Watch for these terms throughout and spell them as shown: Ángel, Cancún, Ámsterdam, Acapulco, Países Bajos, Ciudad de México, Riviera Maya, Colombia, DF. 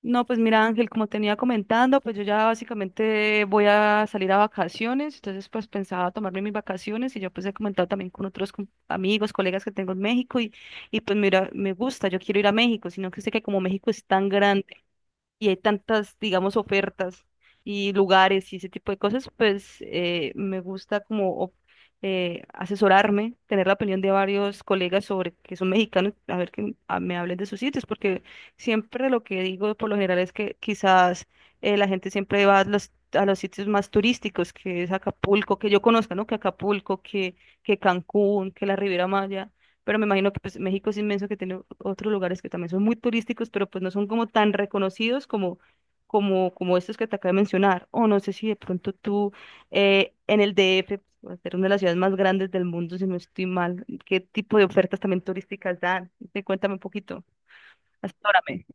No, pues mira, Ángel, como tenía comentando, pues yo ya básicamente voy a salir a vacaciones, entonces pues pensaba tomarme mis vacaciones y yo pues he comentado también con otros amigos, colegas que tengo en México y pues mira, me gusta, yo quiero ir a México, sino que sé que como México es tan grande, y hay tantas, digamos, ofertas y lugares y ese tipo de cosas, pues me gusta asesorarme, tener la opinión de varios colegas sobre que son mexicanos, a ver que me hablen de sus sitios, porque siempre lo que digo por lo general es que quizás la gente siempre va a los sitios más turísticos, que es Acapulco, que yo conozca, ¿no? Que Acapulco, que Cancún, que la Riviera Maya. Pero me imagino que pues, México es inmenso, que tiene otros lugares que también son muy turísticos, pero pues no son como tan reconocidos como, como estos que te acabo de mencionar. O no sé si de pronto tú en el DF, por ser una de las ciudades más grandes del mundo, si no estoy mal, ¿qué tipo de ofertas también turísticas dan? Sí, cuéntame un poquito, asesórame.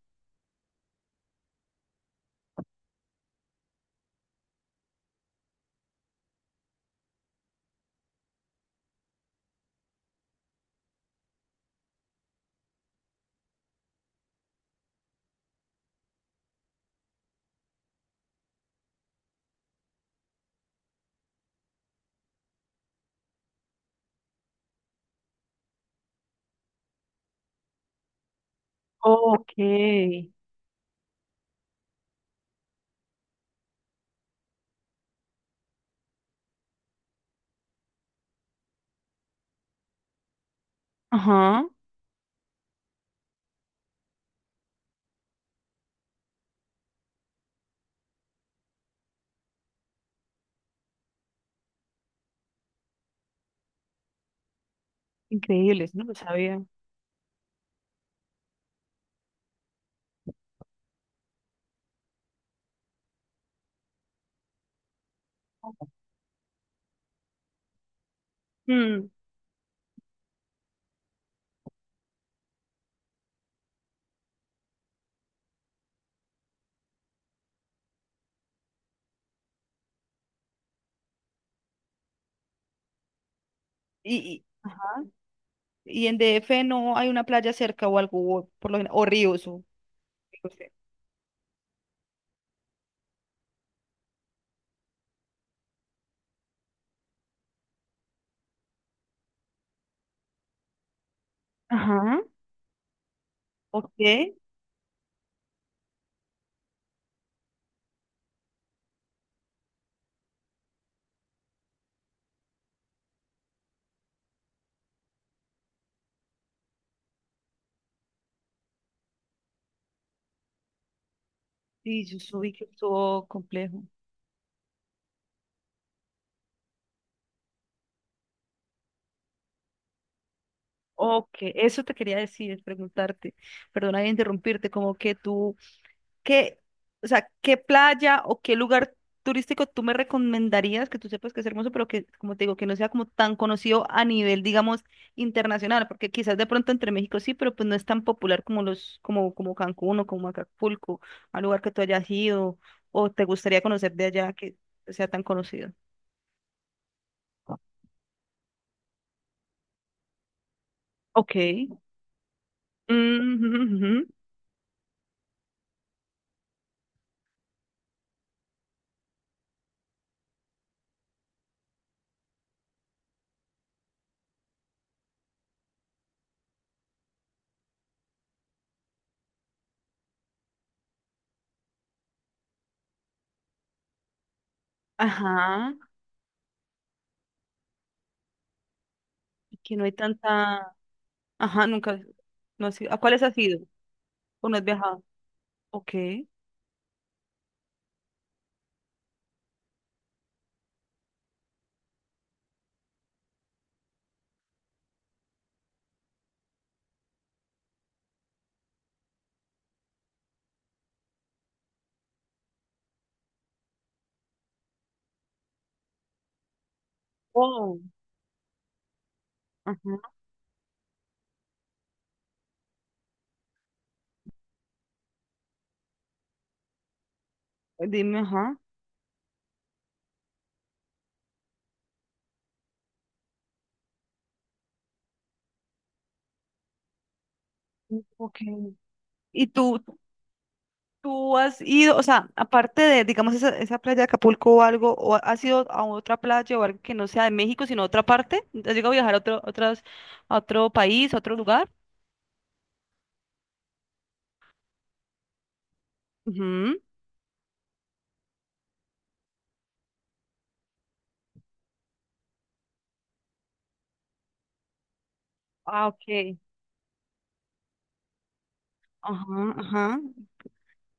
Ok. Ajá. Increíbles, no lo sabía. Mm. Y, y- ¿Y en DF no hay una playa cerca o algo, o, o ríos? O, no sé. Ajá. Ok. Sí, yo subí que estuvo complejo. Ok, eso te quería decir, preguntarte. Perdona de interrumpirte, como que tú, ¿Qué, o sea, ¿qué playa o qué lugar turístico tú me recomendarías que tú sepas que es hermoso, pero que, como te digo, que no sea como tan conocido a nivel, digamos, internacional? Porque quizás de pronto entre México sí, pero pues no es tan popular como como Cancún o como Acapulco, al lugar que tú hayas ido o te gustaría conocer de allá que sea tan conocido. Ok. Mm, ujú. Ajá. Y que no hay tanta. Ajá, nunca. No has ido. ¿A cuáles has ido? ¿O no has viajado? Ok. Oh. Ajá, dime, ajá. Ok. ¿Y tú has ido, o sea, aparte de, digamos, esa playa de Acapulco o algo, o has ido a otra playa o algo que no sea de México, sino a otra parte? ¿Has llegado a viajar a otro, otras, a otro país, a otro lugar? Ujú. Ah, ok. Ajá, ajá,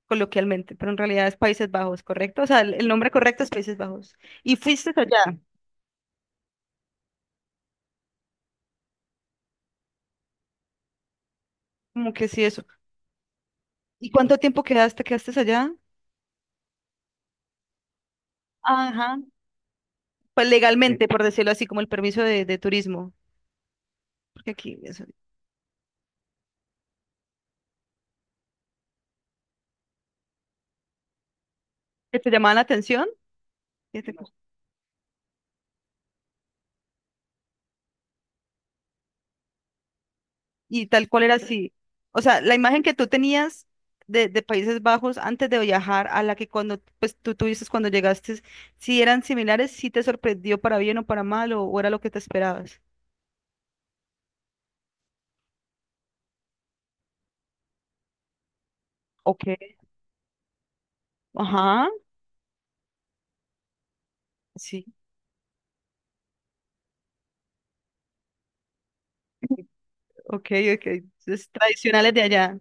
coloquialmente, pero en realidad es Países Bajos, ¿correcto? O sea, el nombre correcto es Países Bajos. ¿Y fuiste allá? Como que sí, eso. ¿Y cuánto tiempo quedaste allá? Ajá, pues legalmente, por decirlo así, como el permiso de turismo. Aquí, eso, que te llamaba la atención que te y tal cual era así. O sea, la imagen que tú tenías de Países Bajos antes de viajar a la que cuando pues tú tuviste cuando llegaste, si eran similares, si te sorprendió para bien o para mal o era lo que te esperabas. Ok. Ajá, sí, ok, ok. Entonces, tradicionales de allá.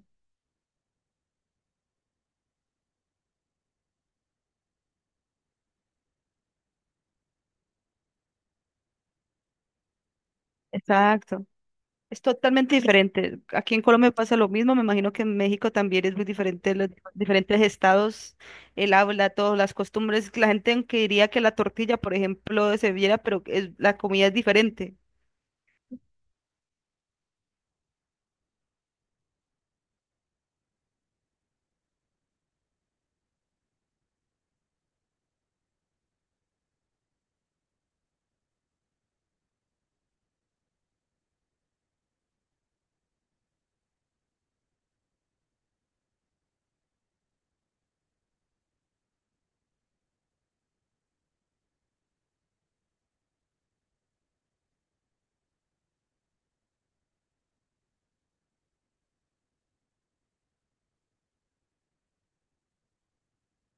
Exacto. Es totalmente diferente. Aquí en Colombia pasa lo mismo. Me imagino que en México también es muy diferente, los diferentes estados, el habla, todas las costumbres. La gente aunque diría que la tortilla, por ejemplo, se viera, pero la comida es diferente.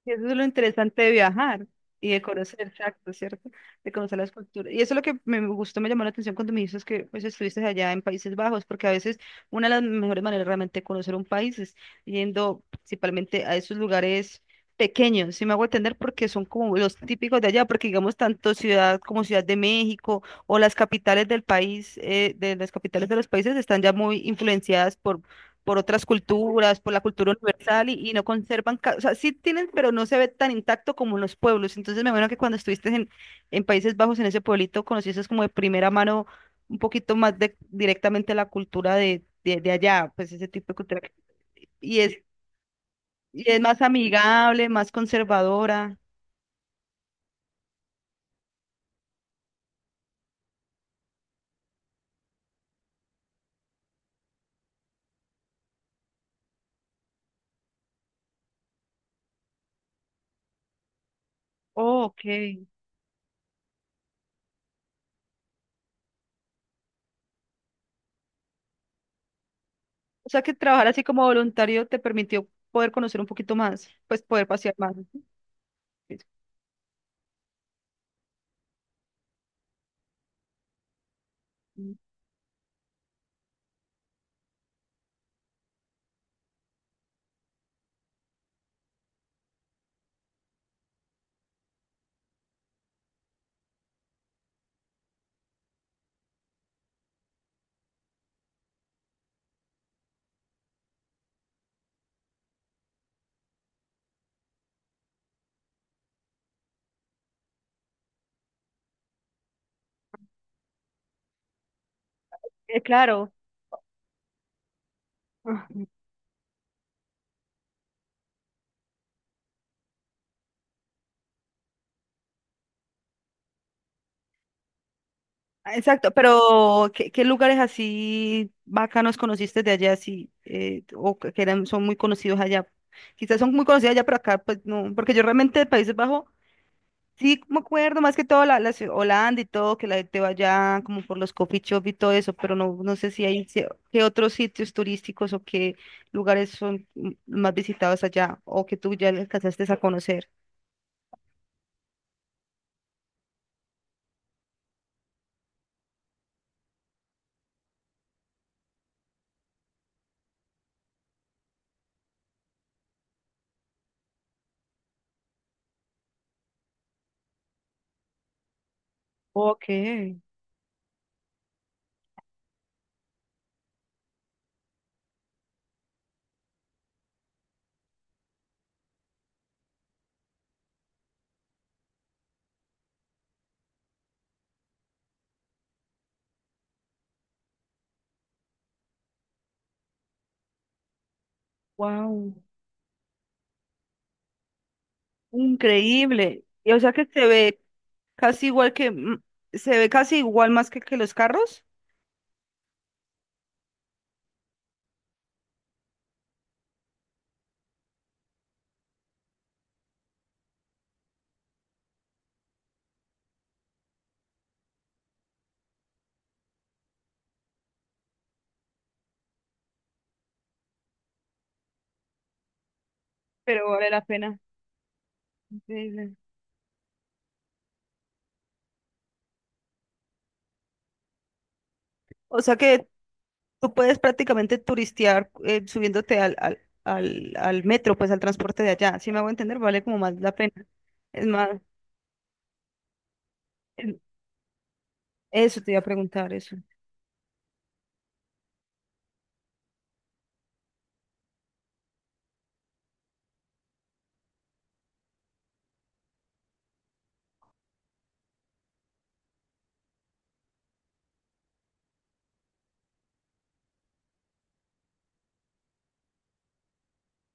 Y eso es lo interesante de viajar y de conocer, exacto, ¿cierto? De conocer las culturas. Y eso es lo que me gustó, me llamó la atención cuando me dices que pues estuviste allá en Países Bajos, porque a veces una de las mejores maneras realmente de conocer un país es yendo principalmente a esos lugares pequeños, si me hago entender, porque son como los típicos de allá, porque digamos tanto ciudad como Ciudad de México o las capitales del país, de las capitales de los países están ya muy influenciadas por otras culturas, por la cultura universal y no conservan, o sea, sí tienen, pero no se ve tan intacto como en los pueblos. Entonces me imagino que cuando estuviste en Países Bajos, en ese pueblito, conociste como de primera mano un poquito más de, directamente la cultura de allá, pues ese tipo de cultura. Que y es, y es más amigable, más conservadora. Oh, ok. O sea que trabajar así como voluntario te permitió poder conocer un poquito más, pues poder pasear más, ¿sí? Claro. Ah, exacto, pero ¿qué, qué lugares así bacanos conociste de allá, sí, o que eran, son muy conocidos allá? Quizás son muy conocidos allá, pero acá pues no, porque yo realmente de Países Bajos sí me acuerdo más que todo la, Holanda y todo, que la gente va allá como por los coffee shop y todo eso, pero no, no sé si hay si- qué otros sitios turísticos o qué lugares son mm, más visitados allá o que tú ya alcanzaste a conocer. Ok, wow. Increíble. Y, o sea que se ve casi igual que, mm, se ve casi igual más que los carros. Pero vale la pena. Increíble. O sea que tú puedes prácticamente turistear subiéndote al metro, pues al transporte de allá. Si me hago entender, vale como más la pena. Es más, eh, eso te iba a preguntar, eso.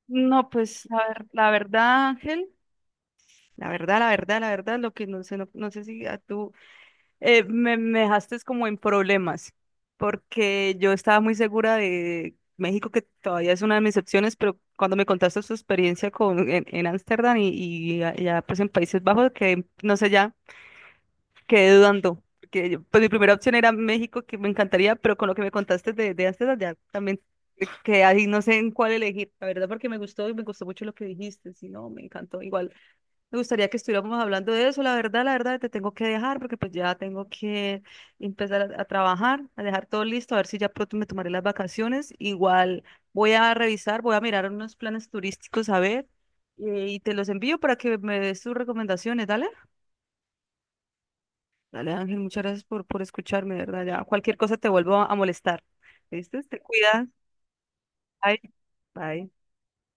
No, pues la, la verdad, Ángel, la verdad, la verdad, la verdad, lo que no sé, no, no sé si a tú me, me dejaste como en problemas, porque yo estaba muy segura de México, que todavía es una de mis opciones, pero cuando me contaste su experiencia con, en Ámsterdam y, ya pues en Países Bajos, que no sé, ya quedé dudando, porque pues mi primera opción era México, que me encantaría, pero con lo que me contaste de Ámsterdam ya también que ahí no sé en cuál elegir, la verdad, porque me gustó y me gustó mucho lo que dijiste, si no, me encantó igual. Me gustaría que estuviéramos hablando de eso. La verdad, te tengo que dejar porque pues ya tengo que empezar a trabajar, a dejar todo listo, a ver si ya pronto me tomaré las vacaciones. Igual voy a revisar, voy a mirar unos planes turísticos a ver y te los envío para que me des tus recomendaciones. Dale, dale Ángel, muchas gracias por escucharme, de verdad. Ya cualquier cosa te vuelvo a molestar. ¿Viste? Te cuidas. Bye. Bye.